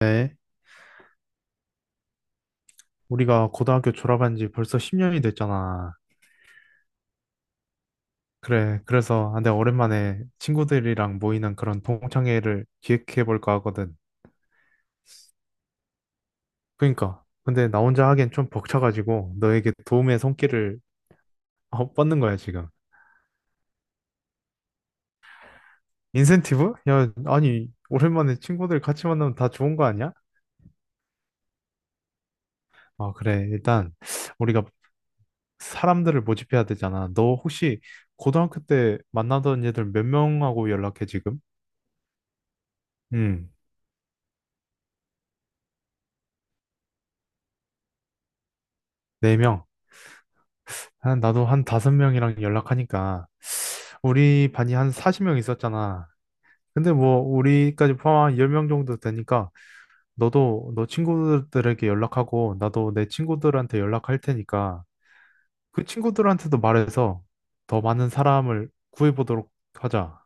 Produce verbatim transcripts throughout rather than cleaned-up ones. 네, 우리가 고등학교 졸업한 지 벌써 십 년이 됐잖아. 그래, 그래서 아, 내가 오랜만에 친구들이랑 모이는 그런 동창회를 기획해 볼까 하거든. 그러니까, 근데 나 혼자 하기엔 좀 벅차가지고 너에게 도움의 손길을 어, 뻗는 거야, 지금. 인센티브? 야, 아니, 오랜만에 친구들 같이 만나면 다 좋은 거 아니야? 아, 그래, 일단 우리가 사람들을 모집해야 되잖아. 너 혹시 고등학교 때 만나던 애들 몇 명하고 연락해, 지금? 음, 네 명. 한 나도 한 다섯 명이랑 연락하니까 우리 반이 한 사십 명 있었잖아. 근데 뭐 우리까지 포함한 십 명 정도 되니까 너도 너 친구들에게 연락하고 나도 내 친구들한테 연락할 테니까 그 친구들한테도 말해서 더 많은 사람을 구해보도록 하자.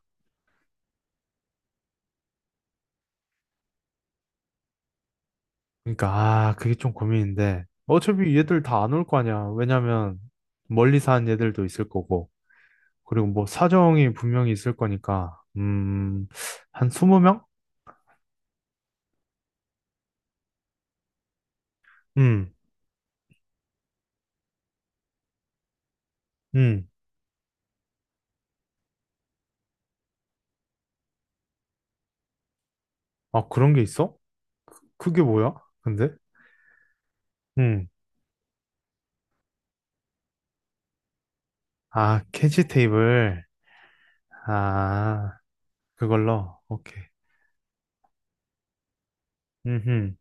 그러니까 아 그게 좀 고민인데 어차피 얘들 다 안 올 거 아니야. 왜냐면 멀리 사는 얘들도 있을 거고 그리고 뭐 사정이 분명히 있을 거니까 음 한 이십 명? 음. 음. 아, 그런 게 있어? 그- 그게 뭐야? 근데? 응. 아, 캐치 테이블. 아, 그걸로. 오케이. 음.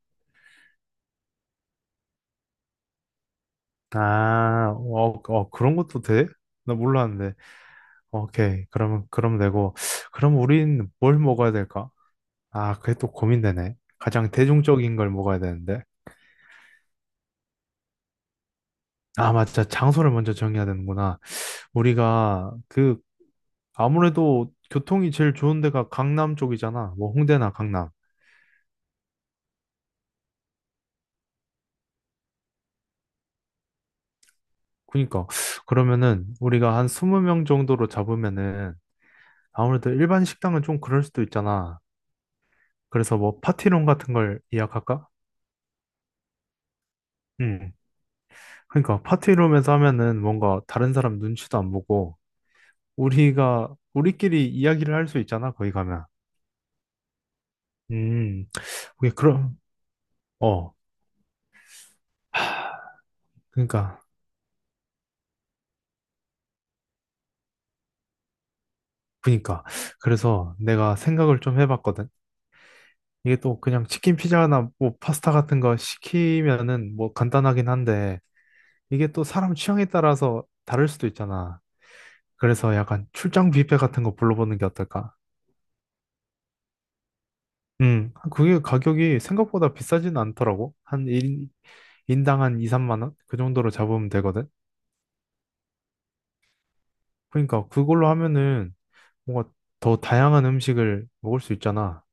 아, 어, 어, 그런 것도 돼? 나 몰랐는데. 오케이. 그러면, 그럼 되고. 그럼 우린 뭘 먹어야 될까? 아, 그게 또 고민되네. 가장 대중적인 걸 먹어야 되는데. 아, 맞다. 장소를 먼저 정해야 되는구나. 우리가 그, 아무래도 교통이 제일 좋은 데가 강남 쪽이잖아. 뭐, 홍대나 강남. 그니까 그러면은 우리가 한 이십 명 정도로 잡으면은 아무래도 일반 식당은 좀 그럴 수도 있잖아. 그래서 뭐 파티룸 같은 걸 예약할까? 응. 그러니까 파티룸에서 하면은 뭔가 다른 사람 눈치도 안 보고 우리가 우리끼리 이야기를 할 수 있잖아. 거기 가면. 음. 오케이, 그럼 어. 하, 그러니까 그러니까 그래서 내가 생각을 좀 해봤거든. 이게 또 그냥 치킨 피자나 뭐 파스타 같은 거 시키면은 뭐 간단하긴 한데 이게 또 사람 취향에 따라서 다를 수도 있잖아. 그래서 약간 출장 뷔페 같은 거 불러보는 게 어떨까? 음, 그게 가격이 생각보다 비싸진 않더라고. 한 인, 인당 한 이, 삼만 원? 그 정도로 잡으면 되거든. 그러니까 그걸로 하면은 뭔가 더 다양한 음식을 먹을 수 있잖아.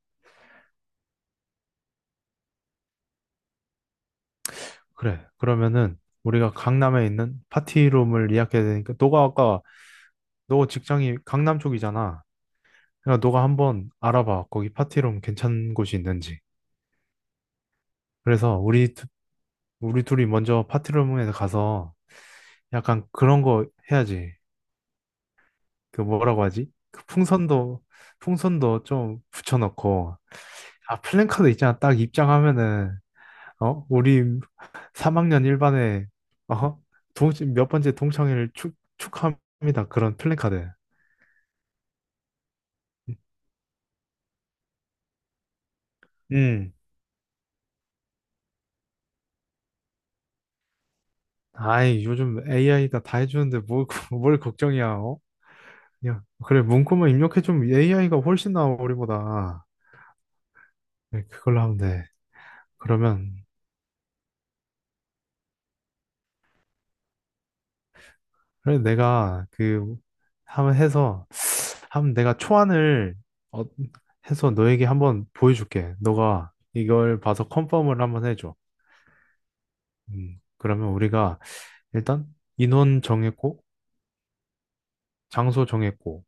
그래. 그러면은 우리가 강남에 있는 파티룸을 예약해야 되니까 너가 아까 너 직장이 강남 쪽이잖아. 그러니까 너가 한번 알아봐. 거기 파티룸 괜찮은 곳이 있는지. 그래서 우리 우리 둘이 먼저 파티룸에 가서 약간 그런 거 해야지. 그 뭐라고 하지? 그 풍선도, 풍선도 좀 붙여놓고, 아, 플랜카드 있잖아. 딱 입장하면은, 어? 우리 삼 학년 일 반에, 어? 동, 몇 번째 동창회를 축, 축하합니다. 그런 플랜카드. 음. 아이, 요즘 에이아이가 다 해주는데 뭘, 뭘 걱정이야, 어? 그냥, 그래, 문구만 입력해주면 에이아이가 훨씬 나아, 우리보다. 네, 그걸로 하면 돼. 그러면 그래, 내가 그 한번 해서 한번 내가 초안을 어, 해서 너에게 한번 보여줄게. 너가 이걸 봐서 컨펌을 한번 해줘. 음, 그러면 우리가 일단 인원 정했고 장소 정했고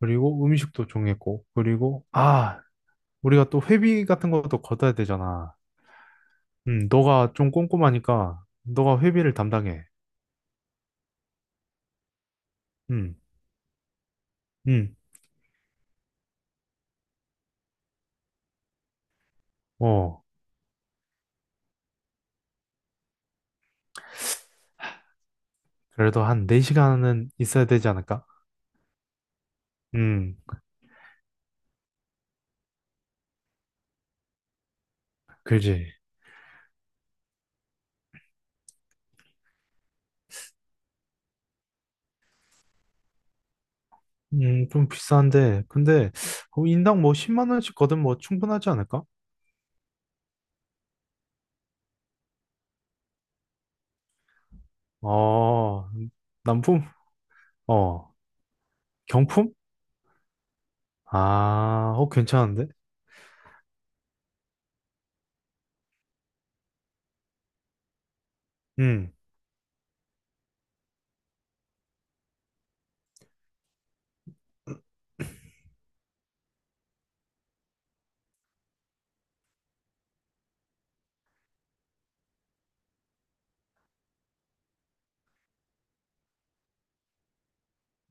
그리고 음식도 정했고 그리고 아 우리가 또 회비 같은 것도 걷어야 되잖아. 음, 너가 좀 꼼꼼하니까 너가 회비를 담당해. 음, 음, 어 그래도 한 네 시간은 있어야 되지 않을까? 음. 그지. 음, 좀 비싼데. 근데, 어, 인당 뭐 십만 원씩 거든 뭐 충분하지 않을까? 어, 남품? 어, 경품? 아, 어, 괜찮은데? 음,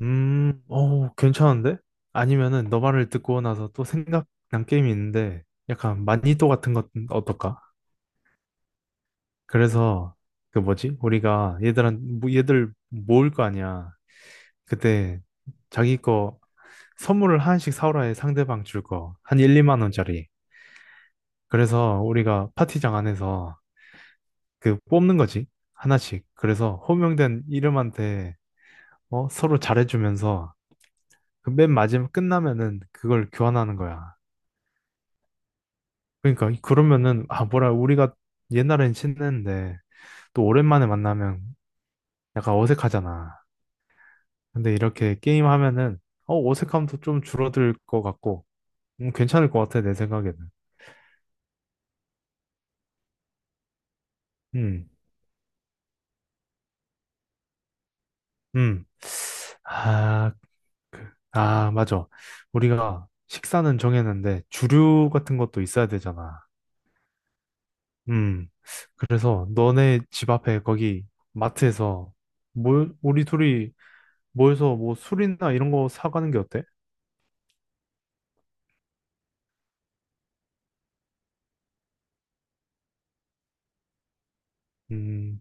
음, 어, 괜찮은데? 아니면은 너 말을 듣고 나서 또 생각난 게임이 있는데, 약간 마니또 같은 것 어떨까? 그래서, 그 뭐지? 우리가 얘들한, 뭐 얘들 모을 거 아니야. 그때 자기 거 선물을 하나씩 사오라 해 상대방 줄 거. 한 일, 이만 원짜리. 그래서 우리가 파티장 안에서 그 뽑는 거지. 하나씩. 그래서 호명된 이름한테 어, 서로 잘해주면서 그 맨 마지막 끝나면은 그걸 교환하는 거야. 그러니까 이- 그러면은 아 뭐라 우리가 옛날엔 친했는데 또 오랜만에 만나면 약간 어색하잖아. 근데 이렇게 게임 하면은 어 어색함도 좀 줄어들 것 같고 음, 괜찮을 것 같아 내 생각에는. 음. 음. 아, 그- 아, 맞아. 우리가 식사는 정했는데 주류 같은 것도 있어야 되잖아. 음. 그래서 너네 집 앞에 거기 마트에서 뭘 우리 둘이 모여서 뭐 술이나 이런 거 사가는 게 어때? 음,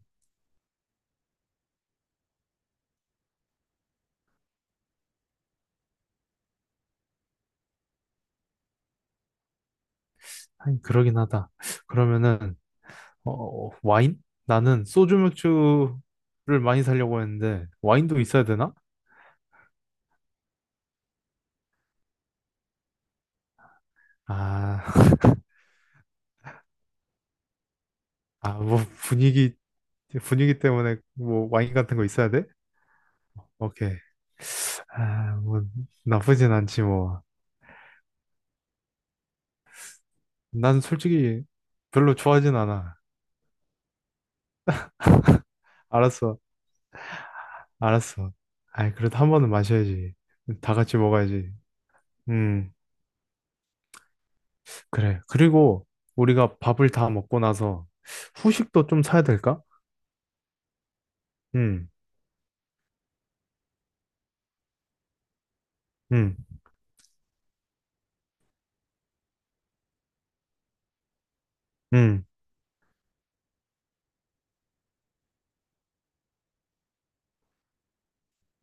하긴 그러긴 하다. 그러면은 어, 와인? 나는 소주 맥주를 많이 사려고 했는데 와인도 있어야 되나? 아, 아, 뭐 분위기 분위기 때문에 뭐 와인 같은 거 있어야 돼? 오케이. 아, 뭐 나쁘진 않지 뭐. 난 솔직히 별로 좋아하진 않아. 알았어, 알았어. 아이, 그래도 한 번은 마셔야지. 다 같이 먹어야지. 음, 그래. 그리고 우리가 밥을 다 먹고 나서 후식도 좀 사야 될까? 음, 음, 음,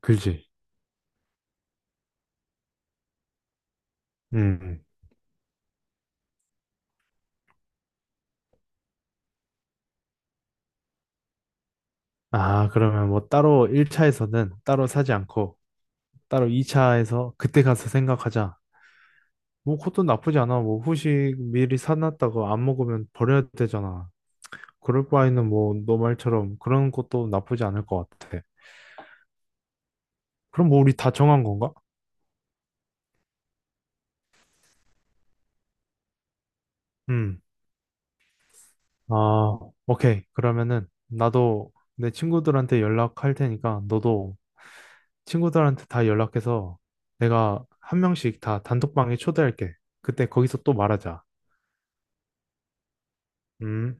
그지. 음. 음. 아, 그러면 뭐 따로 일 차에서는 따로 사지 않고 따로 이 차에서 그때 가서 생각하자. 뭐 그것도 나쁘지 않아. 뭐 후식 미리 사놨다고 안 먹으면 버려야 되잖아. 그럴 바에는 뭐 너 말처럼 그런 것도 나쁘지 않을 것 같아. 그럼 뭐 우리 다 정한 건가? 음. 아, 오케이. 그러면은 나도 내 친구들한테 연락할 테니까 너도 친구들한테 다 연락해서 내가 한 명씩 다 단톡방에 초대할게. 그때 거기서 또 말하자. 음.